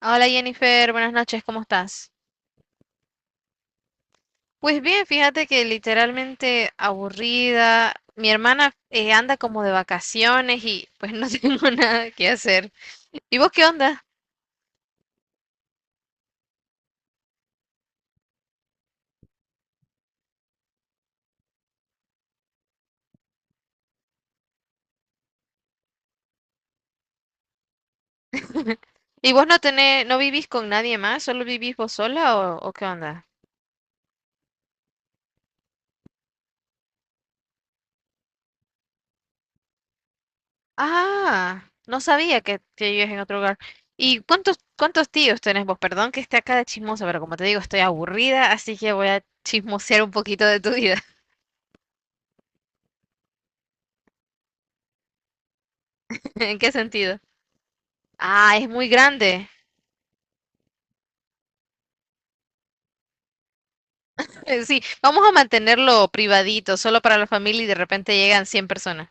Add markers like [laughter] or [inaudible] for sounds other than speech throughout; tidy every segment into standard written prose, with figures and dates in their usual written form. Hola Jennifer, buenas noches, ¿cómo estás? Pues bien, fíjate que literalmente aburrida. Mi hermana anda como de vacaciones y pues no [laughs] tengo nada que hacer. ¿Y vos qué onda? ¿Y vos no tenés, no vivís con nadie más? ¿Solo vivís vos sola o qué onda? Ah, no sabía que vivías en otro lugar. ¿Y cuántos tíos tenés vos? Perdón que esté acá de chismosa, pero como te digo, estoy aburrida, así que voy a chismosear un poquito de tu vida. [laughs] ¿En qué sentido? Ah, es muy grande. Sí, vamos a mantenerlo privadito, solo para la familia y de repente llegan 100 personas.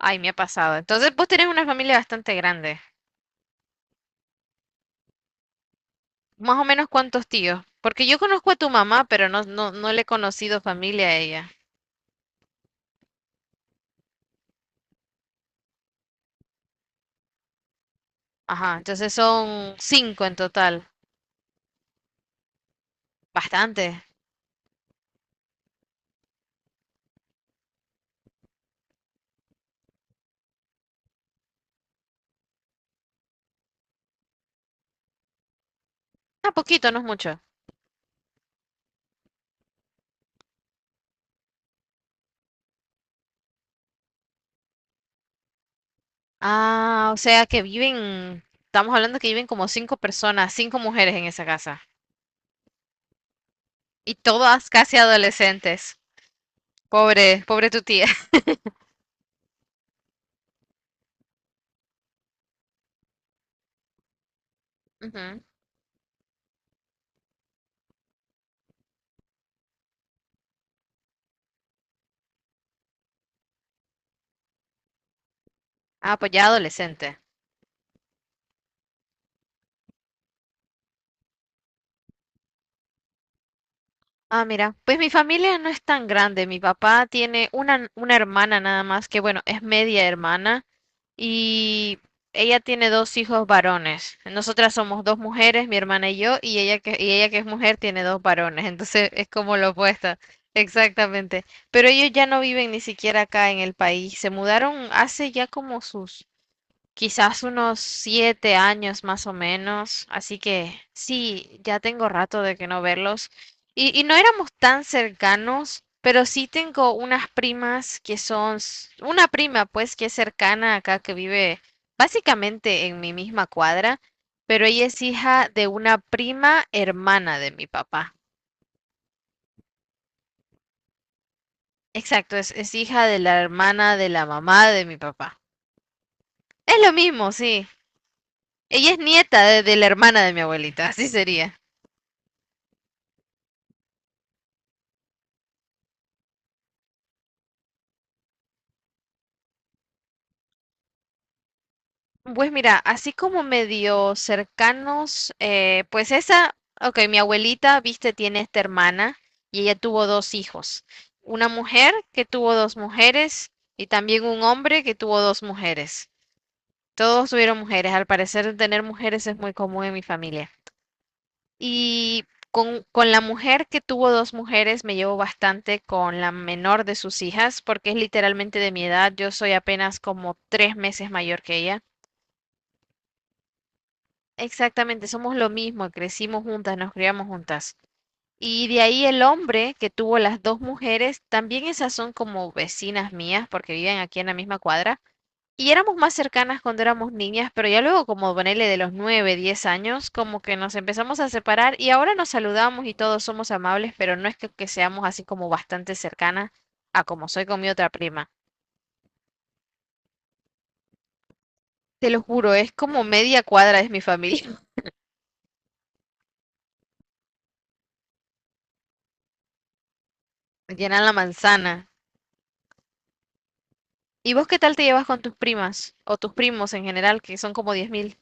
Ay, me ha pasado. Entonces, vos tenés una familia bastante grande. Más o menos cuántos tíos. Porque yo conozco a tu mamá, pero no le he conocido familia a ella. Ajá, entonces son cinco en total. Bastante. Ah, poquito, no es mucho. Ah, o sea que viven, estamos hablando que viven como cinco personas, cinco mujeres en esa casa. Y todas casi adolescentes. Pobre, pobre tu tía. [laughs] Ujú. Ah, pues ya adolescente. Ah, mira, pues mi familia no es tan grande. Mi papá tiene una hermana nada más, que bueno, es media hermana, y ella tiene dos hijos varones. Nosotras somos dos mujeres, mi hermana y yo, y ella que es mujer tiene dos varones, entonces es como lo opuesto. [laughs] Exactamente. Pero ellos ya no viven ni siquiera acá en el país. Se mudaron hace ya como sus quizás unos 7 años más o menos, así que sí, ya tengo rato de que no verlos. Y no éramos tan cercanos, pero sí tengo unas primas una prima pues que es cercana acá, que vive básicamente en mi misma cuadra, pero ella es hija de una prima hermana de mi papá. Exacto, es hija de la hermana de la mamá de mi papá. Es lo mismo, sí. Ella es nieta de la hermana de mi abuelita, así sería. Pues mira, así como medio cercanos, pues esa, ok, mi abuelita, viste, tiene esta hermana y ella tuvo dos hijos, una mujer que tuvo dos mujeres y también un hombre que tuvo dos mujeres. Todos tuvieron mujeres, al parecer tener mujeres es muy común en mi familia. Y con la mujer que tuvo dos mujeres me llevo bastante con la menor de sus hijas porque es literalmente de mi edad, yo soy apenas como 3 meses mayor que ella. Exactamente, somos lo mismo, crecimos juntas, nos criamos juntas. Y de ahí el hombre que tuvo las dos mujeres, también esas son como vecinas mías porque viven aquí en la misma cuadra. Y éramos más cercanas cuando éramos niñas, pero ya luego como ponele de los 9, 10 años, como que nos empezamos a separar y ahora nos saludamos y todos somos amables, pero no es que seamos así como bastante cercanas a como soy con mi otra prima. Te lo juro, es como media cuadra es mi familia, [laughs] llenan la manzana. ¿Y vos qué tal te llevas con tus primas o tus primos en general, que son como 10 mil,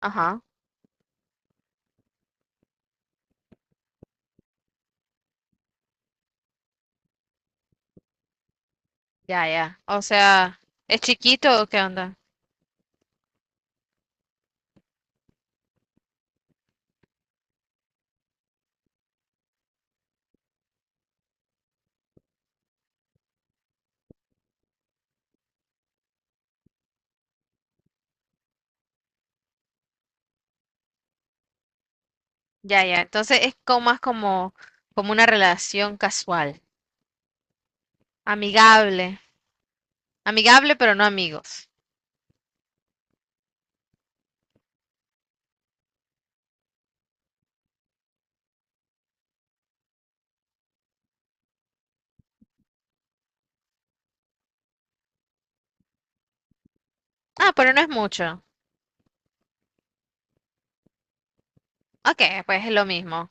Ajá, ya, ya. O sea, ¿es chiquito o qué onda? Ya, ya. Entonces es como más como, como una relación casual, amigable, amigable pero no amigos. Ah, pero no es mucho. Ok, pues es lo mismo.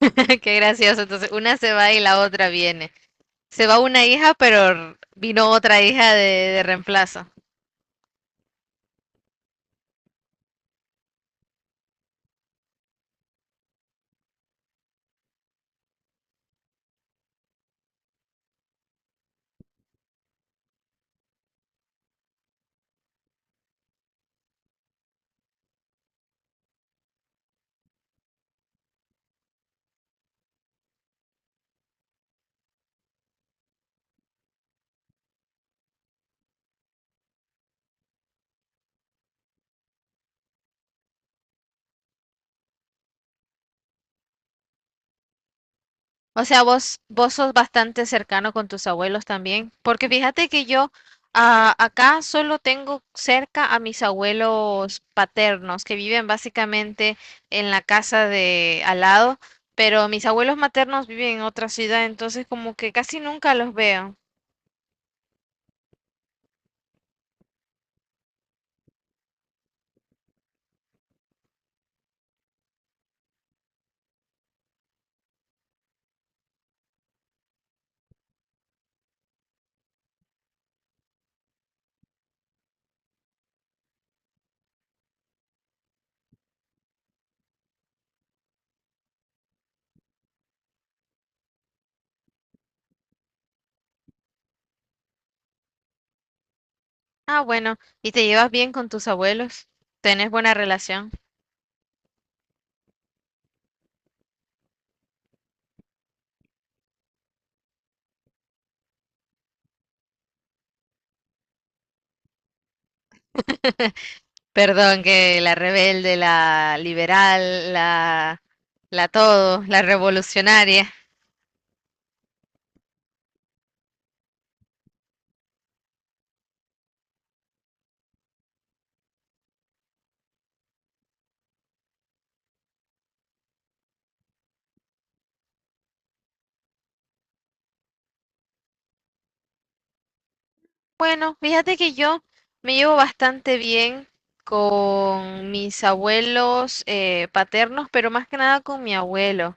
[laughs] Qué gracioso. Entonces una se va y la otra viene. Se va una hija, pero vino otra hija de reemplazo. O sea, vos sos bastante cercano con tus abuelos también, porque fíjate que yo acá solo tengo cerca a mis abuelos paternos, que viven básicamente en la casa de al lado, pero mis abuelos maternos viven en otra ciudad, entonces como que casi nunca los veo. Ah, bueno, ¿y te llevas bien con tus abuelos? ¿Tenés buena relación? Perdón, que la rebelde, la liberal, la todo, la revolucionaria. Bueno, fíjate que yo me llevo bastante bien con mis abuelos paternos, pero más que nada con mi abuelo.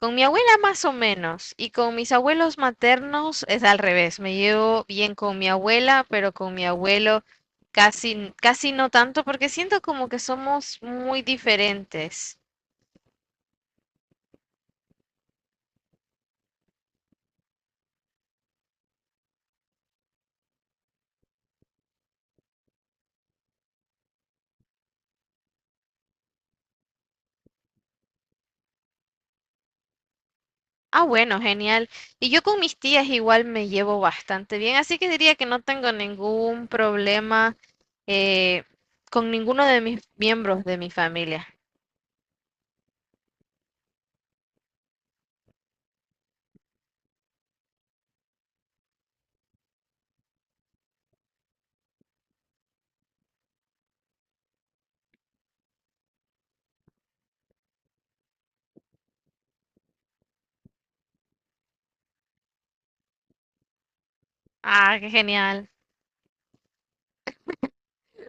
Con mi abuela más o menos, y con mis abuelos maternos es al revés. Me llevo bien con mi abuela, pero con mi abuelo casi, casi no tanto, porque siento como que somos muy diferentes. Ah, bueno, genial. Y yo con mis tías igual me llevo bastante bien, así que diría que no tengo ningún problema eh, con ninguno de mis miembros de mi familia. Ah, qué genial.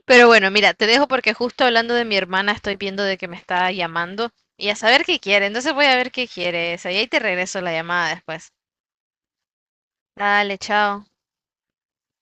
Pero bueno, mira, te dejo porque justo hablando de mi hermana estoy viendo de que me está llamando y a saber qué quiere. Entonces voy a ver qué quiere esa y ahí te regreso la llamada después. Dale, chao.